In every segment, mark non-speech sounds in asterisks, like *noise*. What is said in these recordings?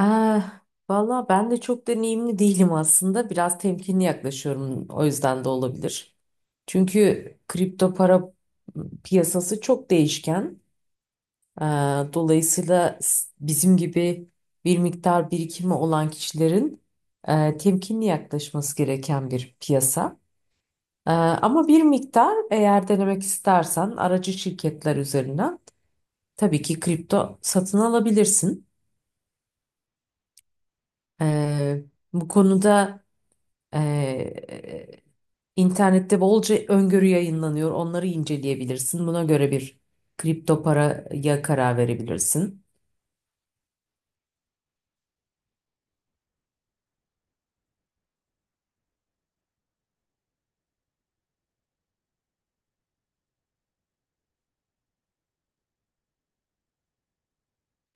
Ee, valla ben de çok deneyimli değilim aslında. Biraz temkinli yaklaşıyorum, o yüzden de olabilir. Çünkü kripto para piyasası çok değişken. Ee, dolayısıyla bizim gibi bir miktar birikimi olan kişilerin temkinli yaklaşması gereken bir piyasa. Ama bir miktar eğer denemek istersen aracı şirketler üzerinden tabii ki kripto satın alabilirsin. Ee, bu konuda... Ee, internette bolca öngörü yayınlanıyor. Onları inceleyebilirsin. Buna göre bir kripto paraya karar verebilirsin.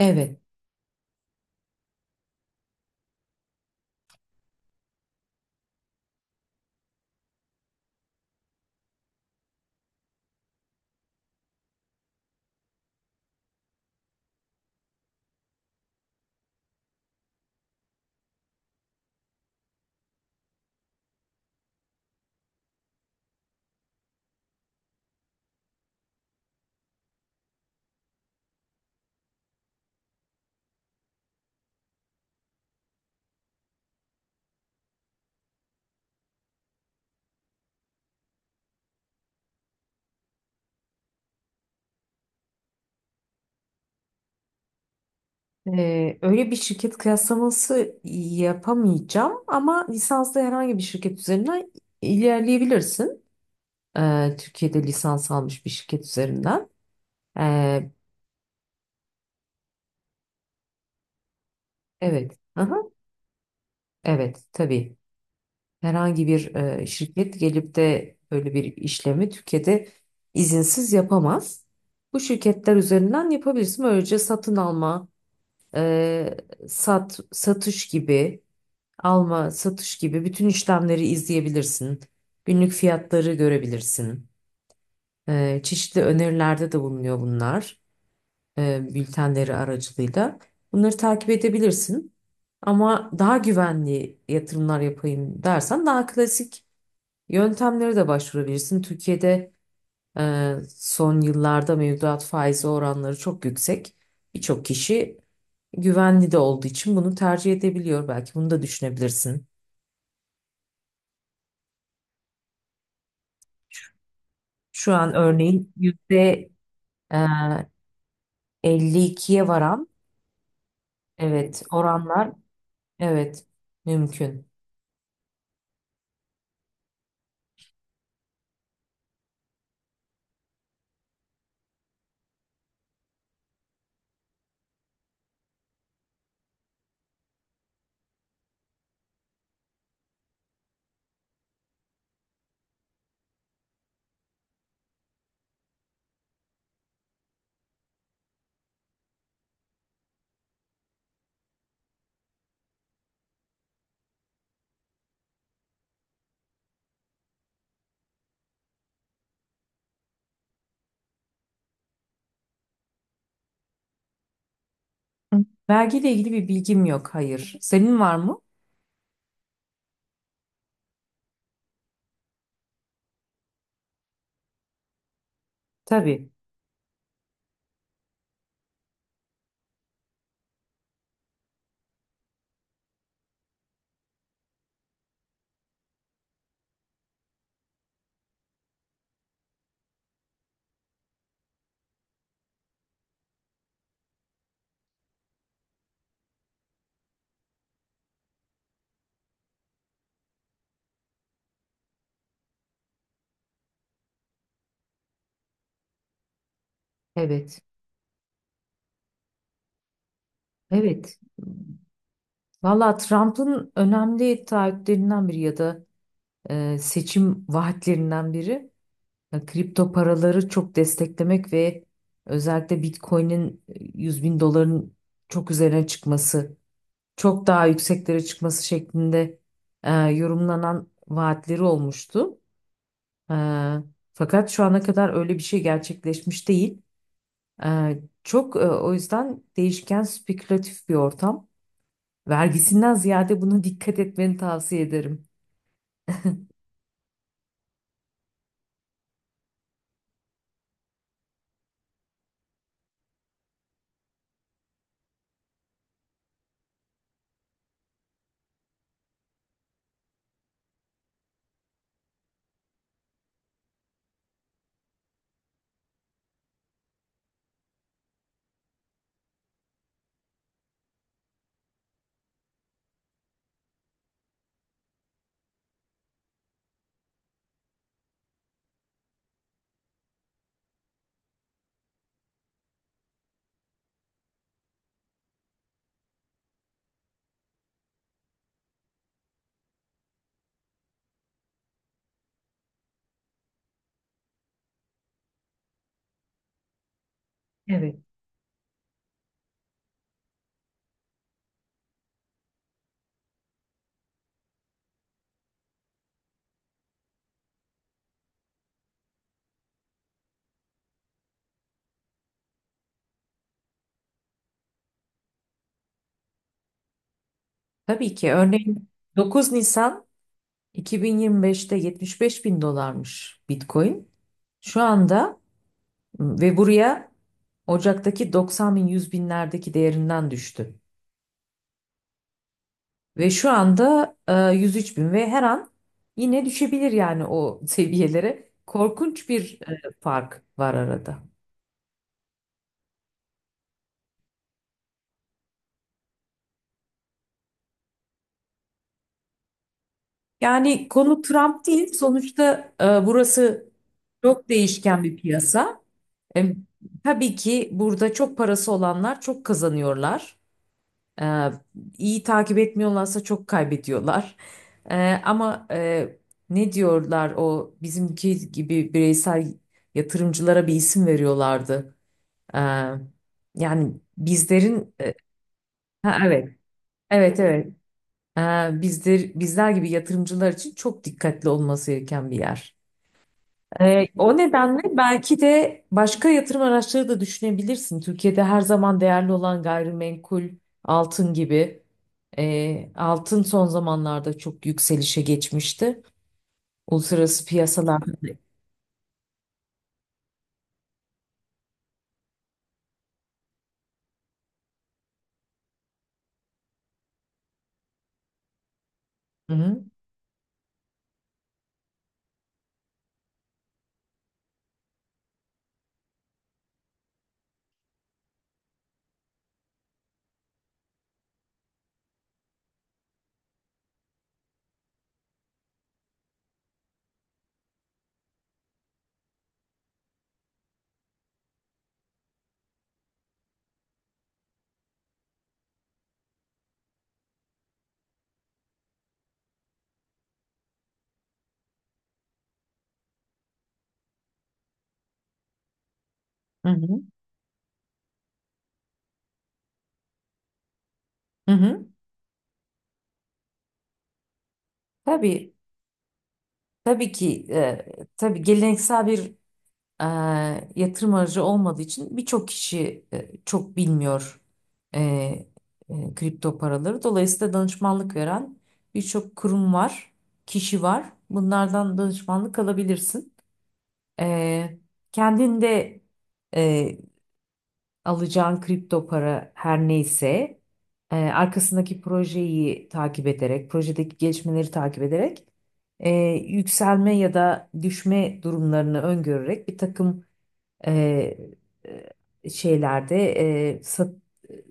Evet. Öyle bir şirket kıyaslaması yapamayacağım ama lisanslı herhangi bir şirket üzerinden ilerleyebilirsin. Türkiye'de lisans almış bir şirket üzerinden. Ee, evet. Aha, evet tabii. Herhangi bir şirket gelip de böyle bir işlemi Türkiye'de izinsiz yapamaz. Bu şirketler üzerinden yapabilirsin. Böylece satın alma, e, satış gibi, alma, satış gibi bütün işlemleri izleyebilirsin. Günlük fiyatları görebilirsin. Çeşitli önerilerde de bulunuyor bunlar, bültenleri aracılığıyla. Bunları takip edebilirsin. Ama daha güvenli yatırımlar yapayım dersen daha klasik yöntemlere de başvurabilirsin. Türkiye'de son yıllarda mevduat faizi oranları çok yüksek. Birçok kişi güvenli de olduğu için bunu tercih edebiliyor. Belki bunu da düşünebilirsin. Şu an örneğin yüzde e, 52'ye varan, evet, oranlar, evet, mümkün. Hı. Vergiyle ilgili bir bilgim yok. Hayır. Senin var mı? Tabii. Evet. Evet. Valla Trump'ın önemli taahhütlerinden biri ya da seçim vaatlerinden biri, kripto paraları çok desteklemek ve özellikle Bitcoin'in 100 bin doların çok üzerine çıkması, çok daha yükseklere çıkması şeklinde yorumlanan vaatleri olmuştu. E, fakat şu ana kadar öyle bir şey gerçekleşmiş değil. E, o yüzden değişken, spekülatif bir ortam. Vergisinden ziyade buna dikkat etmeni tavsiye ederim. Evet. Tabii ki örneğin 9 Nisan 2025'te 75 bin dolarmış Bitcoin. Şu anda ve buraya Ocak'taki 90 bin, 100 binlerdeki değerinden düştü. Ve şu anda 103 bin ve her an yine düşebilir yani o *laughs* seviyelere. Korkunç bir fark var arada. Yani konu Trump değil sonuçta, burası çok değişken bir piyasa. E, tabii ki burada çok parası olanlar çok kazanıyorlar. Ee, iyi takip etmiyorlarsa çok kaybediyorlar. Ee, ama e, ne diyorlar o bizimki gibi bireysel yatırımcılara bir isim veriyorlardı. Ee, yani bizlerin. Ha, evet, evet, evet. Bizler gibi yatırımcılar için çok dikkatli olması gereken bir yer. O nedenle belki de başka yatırım araçları da düşünebilirsin. Türkiye'de her zaman değerli olan gayrimenkul, altın gibi. Altın son zamanlarda çok yükselişe geçmişti. Uluslararası piyasalarda. Hı hı, hı hı, hı hı. Tabii, tabii ki, tabii geleneksel bir e, yatırım aracı olmadığı için birçok kişi çok bilmiyor e, kripto paraları. Dolayısıyla danışmanlık veren birçok kurum var, kişi var. Bunlardan danışmanlık alabilirsin. E, kendin e, alacağın kripto para her neyse, arkasındaki projeyi takip ederek, projedeki gelişmeleri takip ederek, e, yükselme ya da düşme durumlarını öngörerek bir takım e, şeylerde e, sat-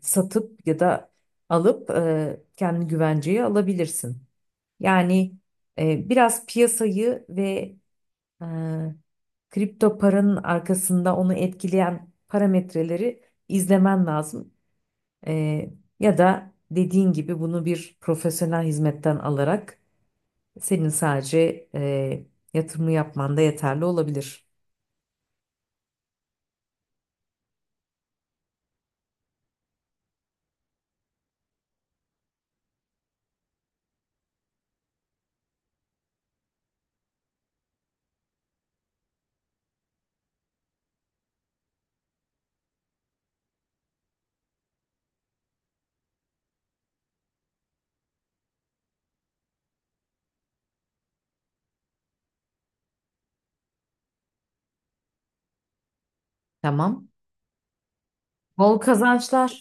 satıp ya da alıp kendi güvenceye alabilirsin. Yani biraz piyasayı ve e, kripto paranın arkasında onu etkileyen parametreleri izlemen lazım. E, ya da dediğin gibi bunu bir profesyonel hizmetten alarak senin sadece yatırımı yapman da yeterli olabilir. Tamam. Bol kazançlar.